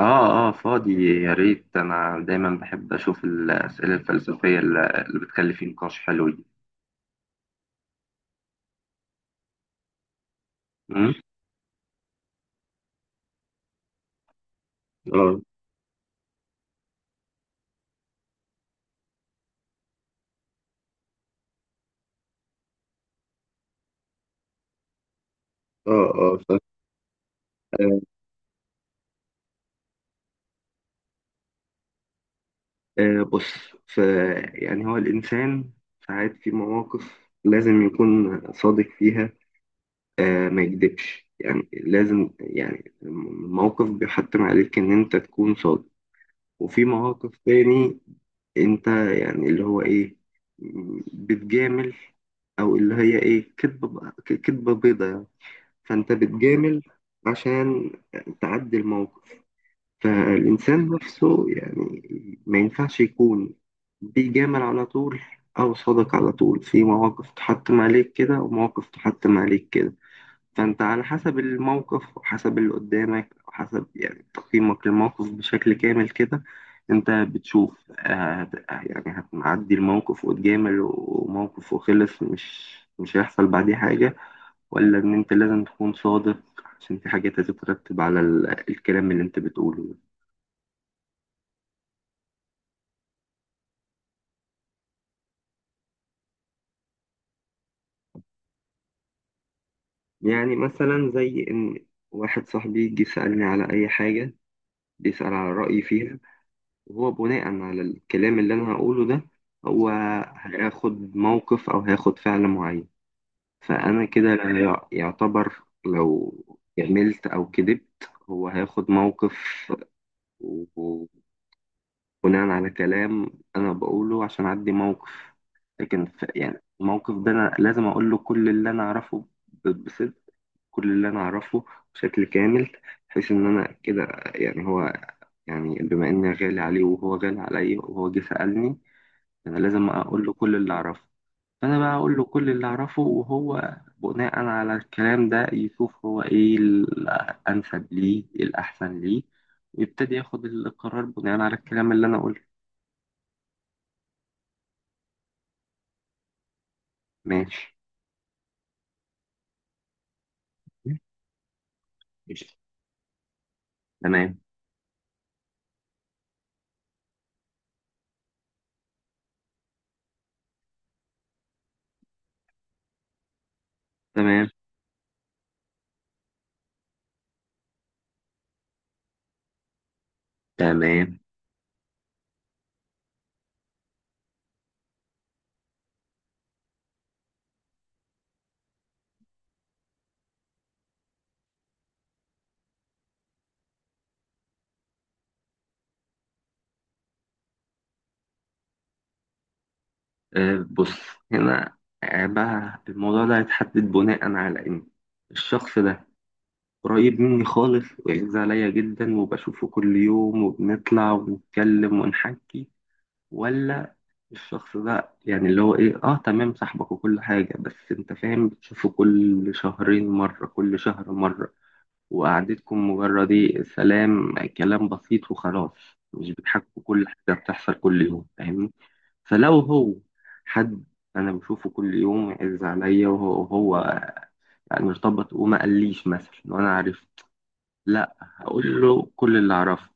اه اه فاضي، يا ريت. انا دايما بحب اشوف الاسئله الفلسفيه اللي بتخلي في نقاش حلو دي. مم؟ اه. اه. آه، بص. ف يعني هو الانسان ساعات في مواقف لازم يكون صادق فيها، آه ما يكذبش يعني، لازم، يعني الموقف بيحتم عليك ان انت تكون صادق. وفي مواقف تاني انت يعني اللي هو ايه، بتجامل، او اللي هي ايه، كدبة بيضة يعني. فانت بتجامل عشان تعدي الموقف. فالانسان نفسه يعني ما ينفعش يكون بيجامل على طول او صادق على طول. في مواقف تحتم عليك كده، ومواقف تحتم عليك كده. فانت على حسب الموقف، وحسب اللي قدامك، وحسب يعني تقييمك للموقف بشكل كامل كده، انت بتشوف، يعني هتعدي الموقف وتجامل، وموقف وخلص مش هيحصل بعديه حاجة، ولا ان انت لازم تكون صادق عشان في حاجات هتترتب على الكلام اللي انت بتقوله ده. يعني مثلا زي ان واحد صاحبي جه سألني على اي حاجة، بيسأل على رأيي فيها، وهو بناء على الكلام اللي انا هقوله ده، هو هياخد موقف او هياخد فعل معين. فانا كده يعتبر، لو عملت او كذبت، هو هياخد موقف. وبناء على كلام انا بقوله عشان اعدي موقف، لكن يعني الموقف ده انا لازم اقول له كل اللي انا اعرفه بصدق، كل اللي انا اعرفه بشكل كامل، بحيث ان انا كده يعني هو، يعني بما اني غالي عليه وهو غالي عليا وهو جه سألني، انا لازم اقول له كل اللي اعرفه. فانا بقى اقول له كل اللي اعرفه، وهو بناء على الكلام ده يشوف هو ايه الانسب ليه، إيه الاحسن ليه، ويبتدي ياخد القرار بناء على الكلام اللي انا قلته. ماشي. قشطة. تمام. تمام. تمام. أه بص، هنا آه، بقى الموضوع ده هيتحدد بناء على ان الشخص ده قريب مني خالص ويعز عليا جدا وبشوفه كل يوم وبنطلع ونتكلم ونحكي، ولا الشخص ده يعني اللي هو ايه، اه تمام صاحبك وكل حاجة، بس انت فاهم، بتشوفه كل شهرين مرة، كل شهر مرة، وقعدتكم مجرد ايه، سلام، كلام بسيط وخلاص، مش بتحكوا كل حاجة بتحصل كل يوم، فاهمني. فلو هو حد انا بشوفه كل يوم يعز عليا، وهو يعني ارتبط وما قاليش مثلا وانا عارف، لا هقول له كل اللي اعرفه،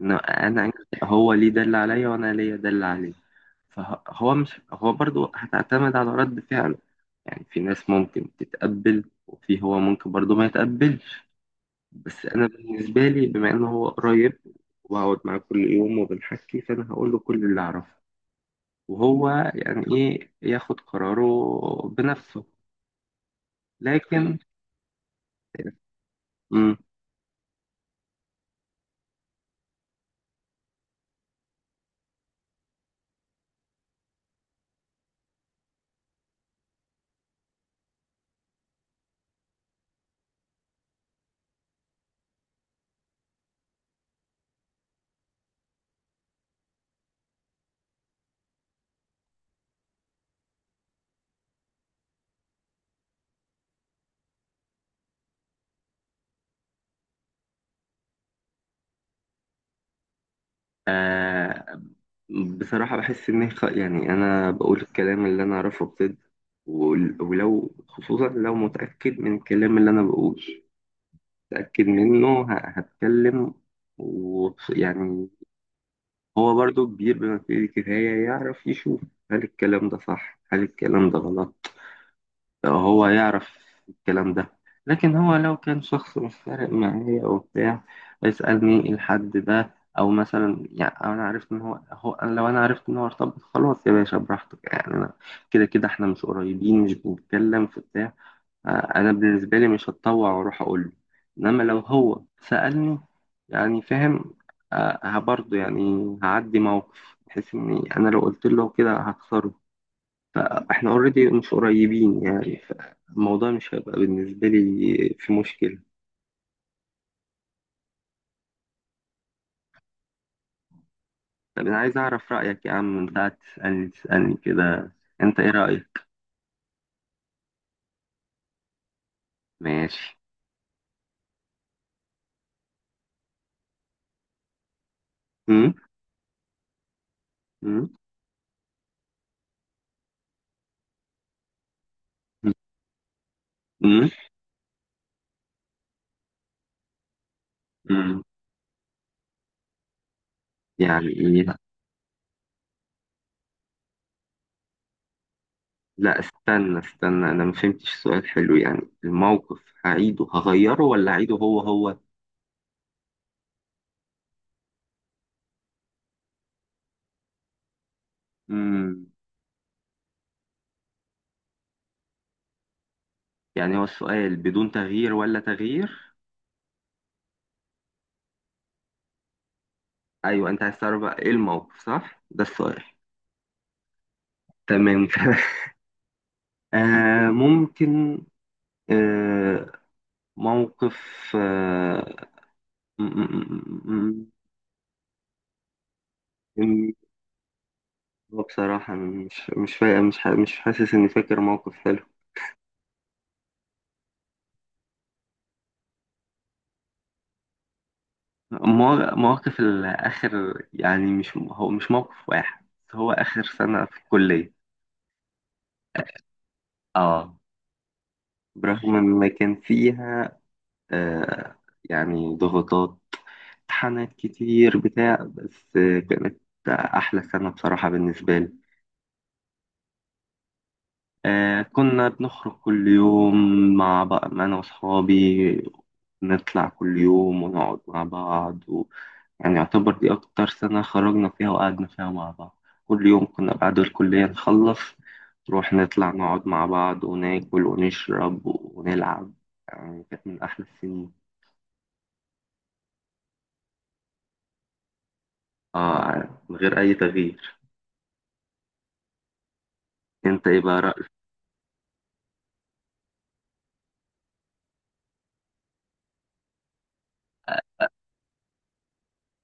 إن انا، هو ليه ده اللي عليا وانا ليا ده اللي عليه. فهو، مش هو، برضو هتعتمد على رد فعله، يعني في ناس ممكن تتقبل وفي هو ممكن برضو ما يتقبلش. بس انا بالنسبه لي، بما انه هو قريب وهقعد معاه كل يوم وبنحكي، فانا هقول له كل اللي اعرفه، وهو يعني ايه، ياخد قراره بنفسه. لكن مم. بصراحة بحس إن هي يعني أنا بقول الكلام اللي أنا أعرفه بجد، ولو خصوصا لو متأكد من الكلام اللي أنا بقوله، متأكد منه، هتكلم. ويعني هو برضو كبير بما فيه الكفاية، يعرف يشوف هل الكلام ده صح هل الكلام ده غلط، هو يعرف الكلام ده. لكن هو لو كان شخص مش فارق معايا أو بتاع، يسألني الحد ده أو مثلا، يعني أنا عرفت إن هو, هو أنا لو أنا عرفت إن هو ارتبط، خلاص يا باشا براحتك، يعني أنا كده كده إحنا مش قريبين، مش بنتكلم في بتاع. آه، أنا بالنسبة لي مش هتطوع وأروح أقول له، إنما لو هو سألني، يعني فاهم، آه، برضه يعني هعدي موقف بحيث إني أنا لو قلت له كده هخسره. احنا اوريدي مش قريبين يعني، فالموضوع مش هيبقى بالنسبة لي في مشكلة. طب انا عايز اعرف رأيك يا عم، انت قاعد تسألني كده، انت ايه رأيك؟ ماشي. امم. امم. امم. امم. يعني ايه؟ لا استنى استنى، انا ما فهمتش. سؤال حلو. يعني الموقف هعيده هغيره ولا هعيده هو هو؟ امم. يعني هو السؤال بدون تغيير ولا تغيير؟ ايوه، انت عايز تعرف بقى ايه الموقف، صح ده السؤال؟ تمام. آه ممكن. آه، موقف. آه، م- م- م- م- بصراحة مش فا... مش ح... مش حاسس إني فاكر موقف حلو. مواقف الآخر يعني، مش هو مش موقف واحد، هو آخر سنة في الكلية. آه. برغم إن كان فيها آه يعني ضغوطات، امتحانات كتير بتاع، بس كانت أحلى سنة بصراحة بالنسبة لي. آه كنا بنخرج كل يوم مع بقى أنا وأصحابي، نطلع كل يوم ونقعد مع بعض و... يعني يعتبر دي أكتر سنة خرجنا فيها وقعدنا فيها مع بعض. كل يوم كنا بعد الكلية نخلص نروح نطلع نقعد مع بعض وناكل ونشرب ونلعب. يعني كانت من أحلى السنين. آه من غير أي تغيير. أنت إيه بقى رأيك؟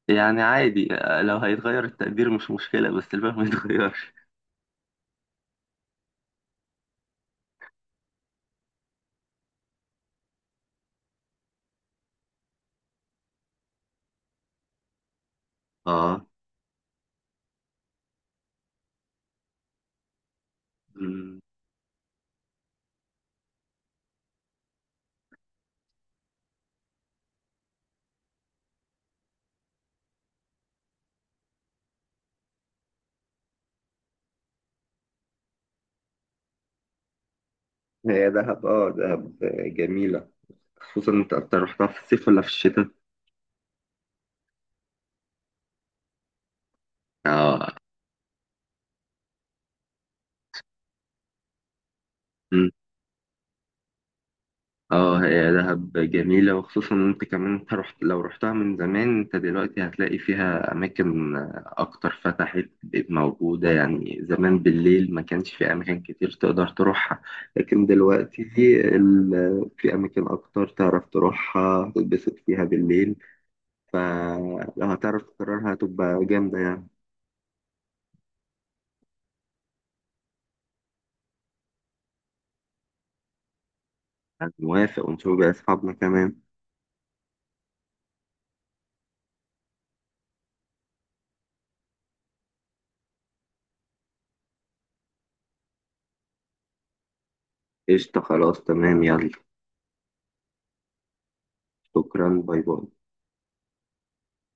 يعني عادي، آه، لو هيتغير التقدير مش مشكلة، بس الباقي ما يتغيرش. آه. هي دهب، اه دهب جميلة. خصوصا انت، اكتر، رحتها في الصيف ولا في الشتاء؟ اه. مم. اه هي دهب جميلة، وخصوصا انت كمان، انت رحت، لو رحتها من زمان، انت دلوقتي هتلاقي فيها اماكن اكتر فتحت بقت موجودة. يعني زمان بالليل ما كانش في اماكن كتير تقدر تروحها، لكن دلوقتي في اماكن اكتر تعرف تروحها تتبسط فيها بالليل. فلو هتعرف تكررها هتبقى جامدة يعني. أنا موافق، ونشوف بقى أصحابنا كمان. قشطة. خلاص، تمام، يلا. شكرا، باي باي.